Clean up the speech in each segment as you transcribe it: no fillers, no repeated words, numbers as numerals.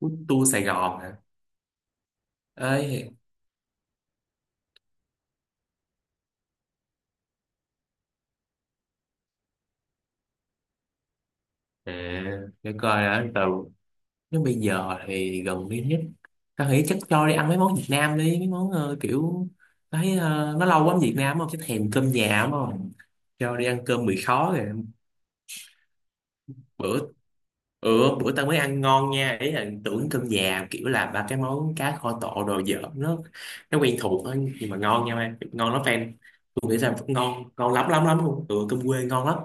Food tour Sài Gòn hả? Ơi, à, để coi đã, từ nếu bây giờ thì gần đi nhất. Tao nghĩ chắc cho đi ăn mấy món Việt Nam đi, mấy món kiểu thấy nó lâu quá ở Việt Nam không, cái thèm cơm nhà đúng không? Cho đi ăn cơm mì khó rồi bữa. Ừ, bữa tao mới ăn ngon nha, ý là tưởng cơm nhà kiểu là ba cái món cá kho tộ đồ dở, nó quen thuộc thôi nhưng mà ngon nha em, ngon lắm fan. Tôi nghĩ rằng ngon, ngon lắm lắm lắm luôn. Ừ, cơm quê ngon lắm,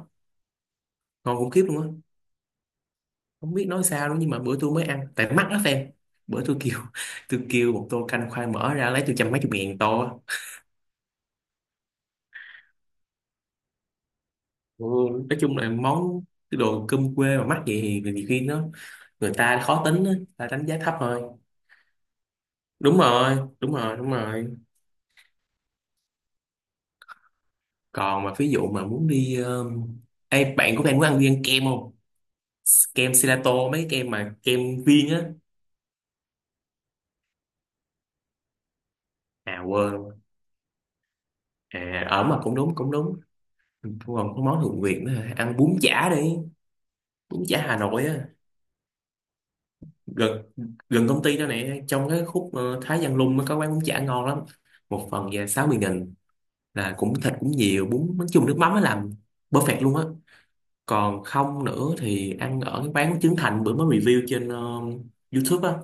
ngon khủng khiếp luôn á. Không biết nói sao luôn nhưng mà bữa tôi mới ăn tại mắc lắm em. Bữa tôi kêu, tôi kêu một tô canh khoai mỡ ra lấy tôi trăm mấy chục ngàn tô á. Ừ, nói chung là món, cái đồ cơm quê mà mắc vậy thì nhiều khi nó, người ta khó tính á, người ta đánh giá thấp thôi. Đúng rồi, đúng rồi, đúng rồi. Còn mà ví dụ mà muốn đi ê, bạn của bạn muốn ăn đi ăn kem không? Kem gelato, mấy cái kem mà kem viên á. À quên luôn. À ở mà cũng đúng, cũng đúng. Còn có món thượng viện nữa hả? Ăn bún chả đi, bún chả Hà Nội á. Gần, gần công ty đó nè, trong cái khúc Thái Văn Lung nó có quán bún chả ngon lắm. Một phần về 60 nghìn, là cũng thịt cũng nhiều bún, nói chung nước mắm nó làm perfect luôn á. Còn không nữa thì ăn ở cái quán của Trấn Thành bữa mới review trên YouTube á.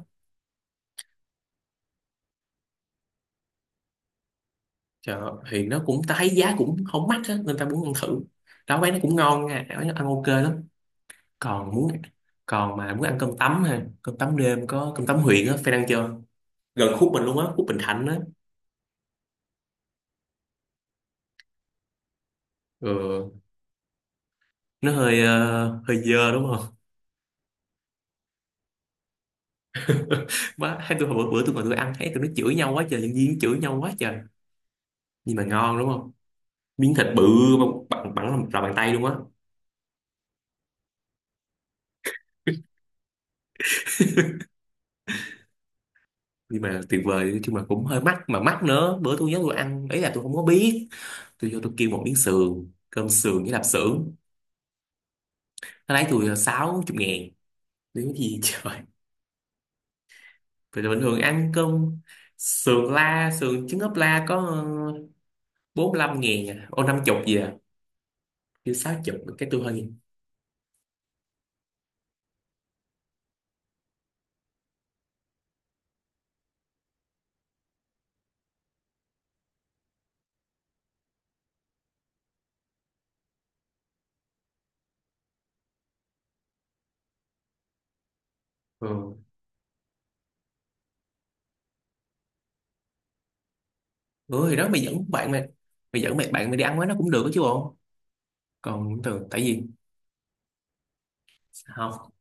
Trời ơi, thì nó cũng, ta thấy giá cũng không mắc á nên ta muốn ăn thử. Đó, quán nó cũng ngon nha, quán nó ăn ok lắm. Còn muốn, còn mà muốn ăn cơm tấm ha, cơm tấm đêm có cơm tấm huyện á phải ăn chưa? Gần khúc mình luôn á, khúc Bình Thạnh á. Ừ. Nó hơi hơi dơ đúng không? Má hai tôi, hồi bữa bữa tôi ngồi tôi ăn thấy tụi nó chửi nhau quá trời, nhân viên chửi nhau quá trời. Nhưng mà ngon đúng không? Miếng thịt bự, mà bằng bằng lòng bàn tay luôn á. Nhưng mà tuyệt vời chứ, mà cũng hơi mắc, mà mắc nữa. Bữa tôi nhớ tôi ăn ấy là tôi không có biết, tôi vô tôi kêu một miếng sườn, cơm sườn với lạp xưởng, nó lấy tôi sáu chục ngàn. Nếu gì, trời. Vậy là bình thường ăn cơm sườn, la sườn trứng ốp la có bốn mươi lăm ngàn à, ô năm chục gì à. Chứ sáu chục cái tôi hơi. Ừ. Ừ thì đó, mày dẫn bạn mày, mày dẫn mày bạn mày đi ăn với nó cũng được đó chứ bộ. Còn từ tại vì, không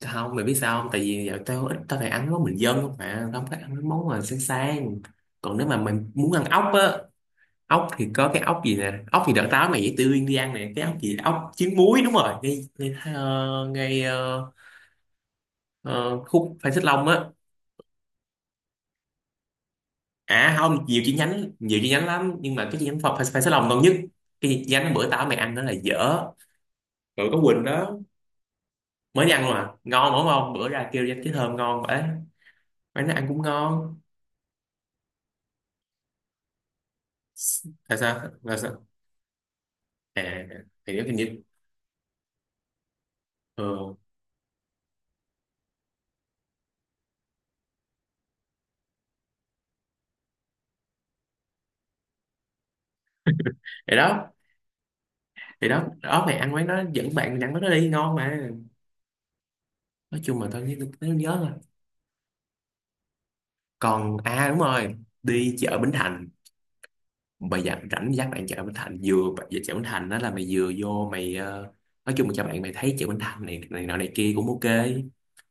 không, mày biết sao không, tại vì giờ tao ít, tao phải ăn món bình dân không, mà tao không có ăn mấy món mà sáng sáng. Còn nếu mà mình muốn ăn ốc á, ốc thì có cái ốc gì nè, ốc thì đợt tao mày dễ tươi đi ăn nè, cái ốc gì ốc trứng muối đúng rồi, ngay ngay, ngay ờ, khúc Phan Xích Long á. À, không, nhiều chi nhánh, nhiều chi nhánh lắm, nhưng mà cái chi nhánh Phan Phan Xích Long ngon nhất. Cái chi nhánh bữa tao mày ăn đó là dở. Rồi có Quỳnh đó, mới đi ăn luôn à, ngon đúng không? Bữa ra kêu cái thơm ngon vậy, quán nó ăn cũng ngon. Là sao là sao? À thì nếu hình như. Ừ. thì đó thì đó đó, mày ăn quán đó, dẫn bạn ăn quán đó đi ngon mà. Nói chung là tao nhớ rồi. Còn à đúng rồi, đi chợ Bến Thành, mày dặn rảnh dắt bạn chợ Bến Thành. Vừa về chợ Bến Thành đó, là mày vừa vô mày nói chung là cho bạn mày thấy chợ Bến Thành này này nọ này kia cũng ok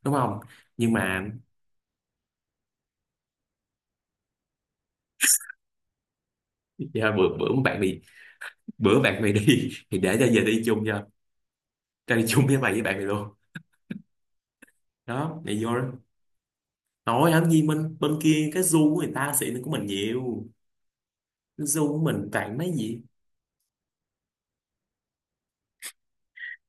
đúng không? Nhưng mà dạ, bữa bữa bạn mày, bữa bạn mày đi thì để cho giờ đi chung cho, ra đi chung với mày với bạn mày luôn. Đó, mày vô đó nói làm gì, mình bên kia cái du của người ta xịn hơn của mình nhiều. Cái du của mình toàn mấy gì,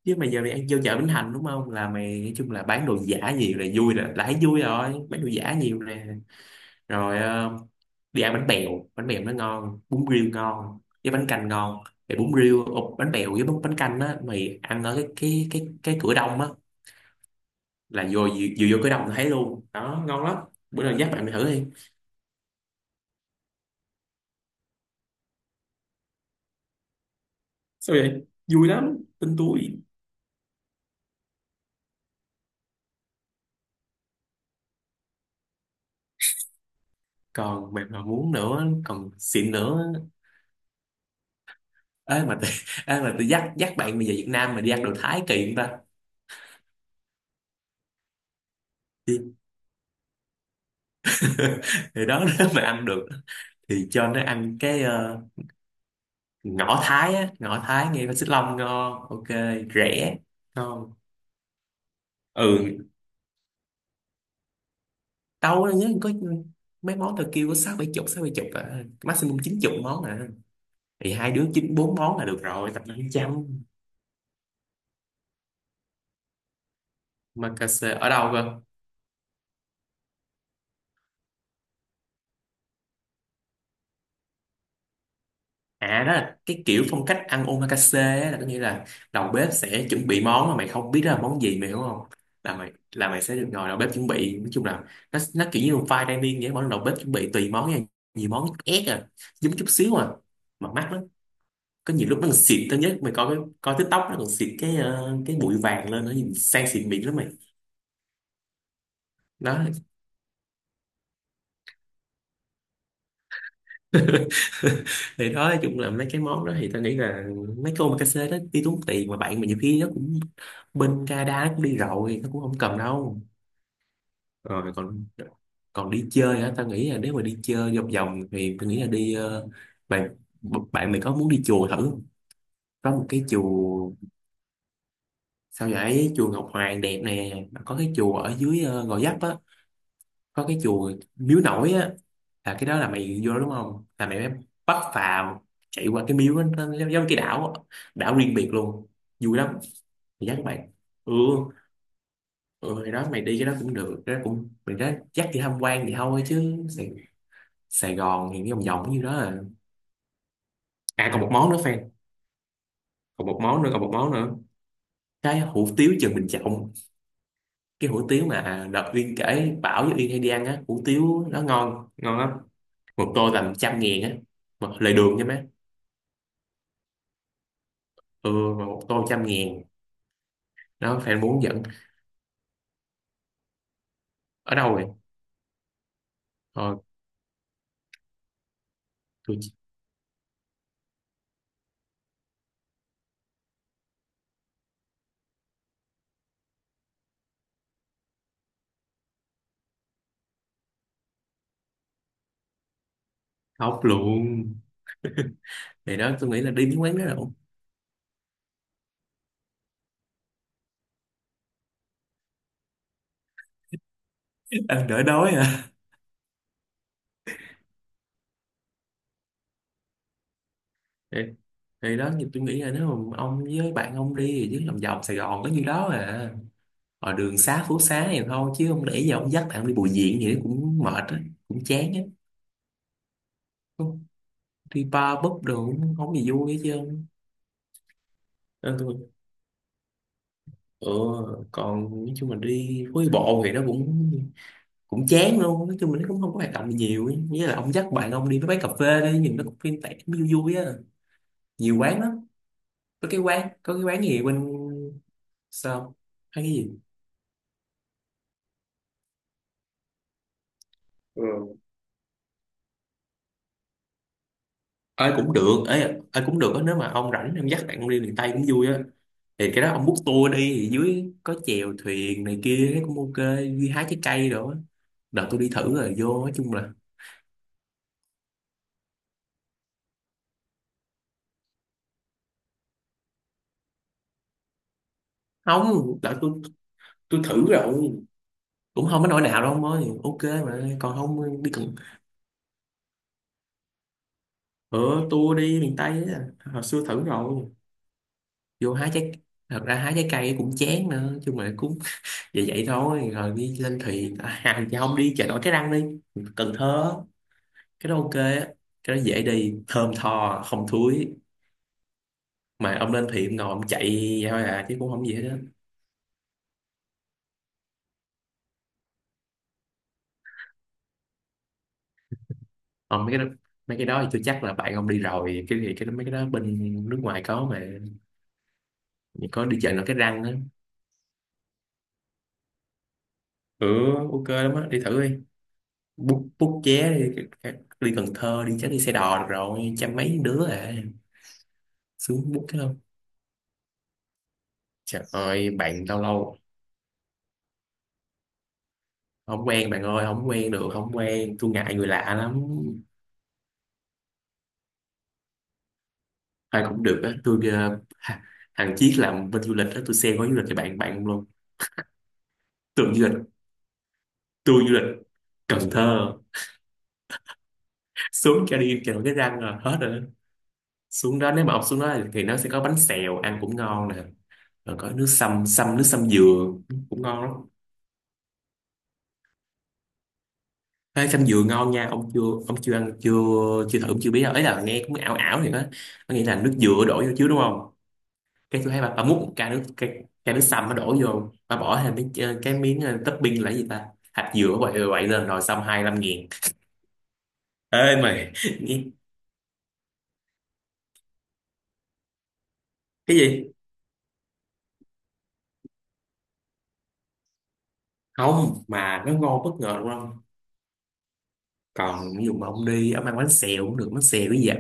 chứ mày giờ mày ăn vô chợ Bến Thành đúng không, là mày nói chung là bán đồ giả nhiều là vui, là thấy vui rồi, bán đồ giả nhiều nè. Rồi đi ăn bánh bèo, bánh bèo nó ngon, bún riêu ngon với bánh canh ngon. Thì bún riêu ộp, bánh bèo với bún bánh canh á, mày ăn ở cái cửa đông á, là vừa vừa vô cửa đông thấy luôn đó ngon lắm. Bữa nào dắt bạn mày thử đi. Sao vậy? Vui lắm, tin tôi. Còn bạn nào muốn nữa còn xịn nữa. Ấy mà tôi ấy mà tôi dắt, dắt bạn bây giờ Việt Nam mà đi ăn đồ Thái kỳ không ta? Đi. Thì đó, nếu mà ăn được thì cho nó ăn cái ngõ Thái á, ngõ Thái ngay bên Xích Long ngon, ok, rẻ, ngon. Ừ đâu nhớ có mấy món tôi kêu có sáu bảy chục, sáu bảy chục à. Maximum chín chục món à. Thì hai đứa chín bốn món là được rồi, tập năm trăm. Mà cà xê ở đâu cơ? À đó là cái kiểu phong cách ăn omakase á, là có nghĩa là đầu bếp sẽ chuẩn bị món mà mày không biết đó là món gì, mày hiểu không? Là mày, là mày sẽ được ngồi đầu bếp chuẩn bị, nói chung là nó kiểu như một file dining vậy, mỗi lần đầu bếp chuẩn bị tùy món nha, nhiều món ép à, giống chút xíu à. Mà mắc lắm. Có nhiều lúc nó còn xịt tới nhất, mày coi cái coi TikTok nó còn xịt cái cái bụi vàng lên, nó nhìn sang xịn mịn lắm mày. Đó. Thì đó, nói chung là mấy cái món đó thì tao nghĩ là mấy cái omakase đó đi tốn tiền, mà bạn mà nhiều khi nó cũng, bên Canada nó cũng đi rồi, nó cũng không cần đâu. Rồi còn, còn đi chơi á, tao nghĩ là nếu mà đi chơi vòng vòng thì tao nghĩ là đi bạn bạn mày có muốn đi chùa thử không? Có một cái chùa. Sao vậy? Chùa Ngọc Hoàng đẹp nè, mà có cái chùa ở dưới Gò Vấp á, có cái chùa Miếu Nổi á. Là cái đó là mày vô đó đúng không, là mày mới bắt phà chạy qua cái miếu đó, nó giống giống cái đảo á. Đảo riêng biệt luôn, vui lắm. Mày dắt mày. Ừ, ừ thì đó mày đi cái đó cũng được, cái đó cũng mình đó dắt đi tham quan thì thôi, chứ Sài, Sài Gòn thì cái vòng vòng như đó à. À còn một món nữa fan, còn một món nữa, còn một món nữa, cái hủ tiếu Trần Bình Trọng. Cái hủ tiếu mà đợt Uyên kể, Bảo với Uyên hay đi ăn á, hủ tiếu nó ngon, ngon lắm. Một tô tầm trăm ngàn á, một lời đường nha má. Ừ, mà một tô trăm ngàn nó phải muốn giận. Ở đâu vậy? Ờ, tôi khóc luôn. Thì đó tôi nghĩ là đi cái quán đó là ổn. Ăn đỡ đói à. Thì, thì đó như tôi nghĩ là nếu mà ông với bạn ông đi, chứ lòng vòng Sài Gòn có nhiêu đó à, ở đường xá phố xá này thôi, chứ không để giờ ông dắt bạn đi Bùi Viện vậy cũng mệt á, cũng chán á. Không, đi bar búp đồ cũng không gì vui hết chứ không. Nên tôi, ừ, còn nói chung là đi phố đi bộ thì nó cũng, cũng chán luôn, nói chung là nó cũng không có hoạt động gì nhiều ấy. Nghĩa là ông dắt bạn ông đi với quán cà phê đi, nhìn nó cũng yên tẻ cũng vui vui á, nhiều quán lắm. Có cái quán, có cái quán gì bên, sao, hay cái gì. Ừ. Ai cũng được ấy, ai cũng được á, nếu mà ông rảnh em dắt bạn ông đi miền Tây cũng vui á. Thì cái đó ông book tour đi, thì dưới có chèo thuyền này kia thấy cũng ok, đi hái trái cây rồi á. Đợt tôi đi thử rồi, vô nói chung là, không đợt tôi thử rồi cũng không có nỗi nào đâu ông ơi, ok mà còn không đi cần. Ờ, tour đi miền Tây á, hồi xưa thử rồi, vô hái trái. Thật ra hái trái cây cũng chán nữa, chứ mà cũng vậy vậy thôi, rồi đi lên thuyền à, à, chứ không đi chợ nổi Cái Răng đi, Cần Thơ, cái đó ok á. Cái đó dễ đi, thơm tho không thúi, mà ông lên thuyền ông ngồi ông chạy, vậy thôi à chứ cũng không gì hết á. Ông mấy cái đó, mấy cái đó thì tôi chắc là bạn ông đi rồi. Cái gì mấy cái đó bên nước ngoài có mà. Có đi chợ nổi Cái Răng á. Ừ, ok lắm á, đi thử đi, bút bút vé đi, đi Cần Thơ đi chắc đi xe đò được rồi, trăm mấy đứa à. Xuống bút cái không, trời ơi bạn lâu lâu. Không quen bạn ơi, không quen được, không quen, tôi ngại người lạ lắm. Ai cũng được á tôi thằng Chiết làm bên du lịch á, tôi xem gói du lịch cho bạn bạn luôn. Tưởng du lịch, tôi du lịch Cần Thơ, xuống cho đi cho cái răng rồi hết rồi. Xuống đó, nếu mà ông xuống đó thì nó sẽ có bánh xèo ăn cũng ngon nè, rồi có nước sâm, sâm nước sâm dừa cũng ngon lắm. Ê, sâm dừa ngon nha, ông chưa, ông chưa ăn chưa, chưa thử ông chưa biết đâu, ấy là nghe cũng ảo ảo. Thì đó, có nghĩa là nước dừa đổ vô chứ đúng không. Cái tôi thấy bà múc một chai nước, cái chai nước sâm nó đổ vô, bà bỏ thêm cái cái miếng topping là cái gì ta, hạt dừa quậy quậy lên, rồi xong 25 nghìn. Ê mày, nghe- cái gì, không mà nó ngon bất ngờ đúng không. Còn ví dụ mà ông đi ông ăn bánh xèo cũng được, bánh xèo cái gì vậy,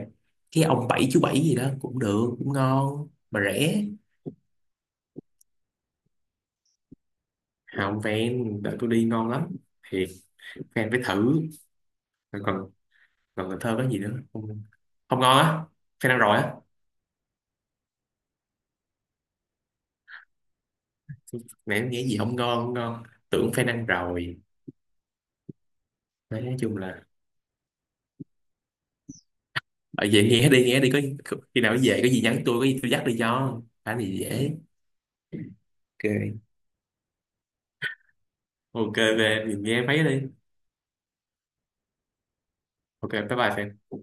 cái ông bảy, chú bảy gì đó cũng được, cũng ngon mà rẻ. Không fan, đợi tôi đi ngon lắm, thiệt, fan phải thử. Còn còn còn Cần Thơ có gì nữa không, không ngon á, fan ăn rồi á. Mẹ em nghĩ gì, không ngon, không ngon, tưởng fan ăn rồi. Đấy, nói chung là ở về nghe đi, nghe đi, có khi nào về có gì nhắn tôi, có gì tôi dắt đi cho cái này dễ. Ok. Ok về mình nghe mấy đi. Ok bye bye Phan.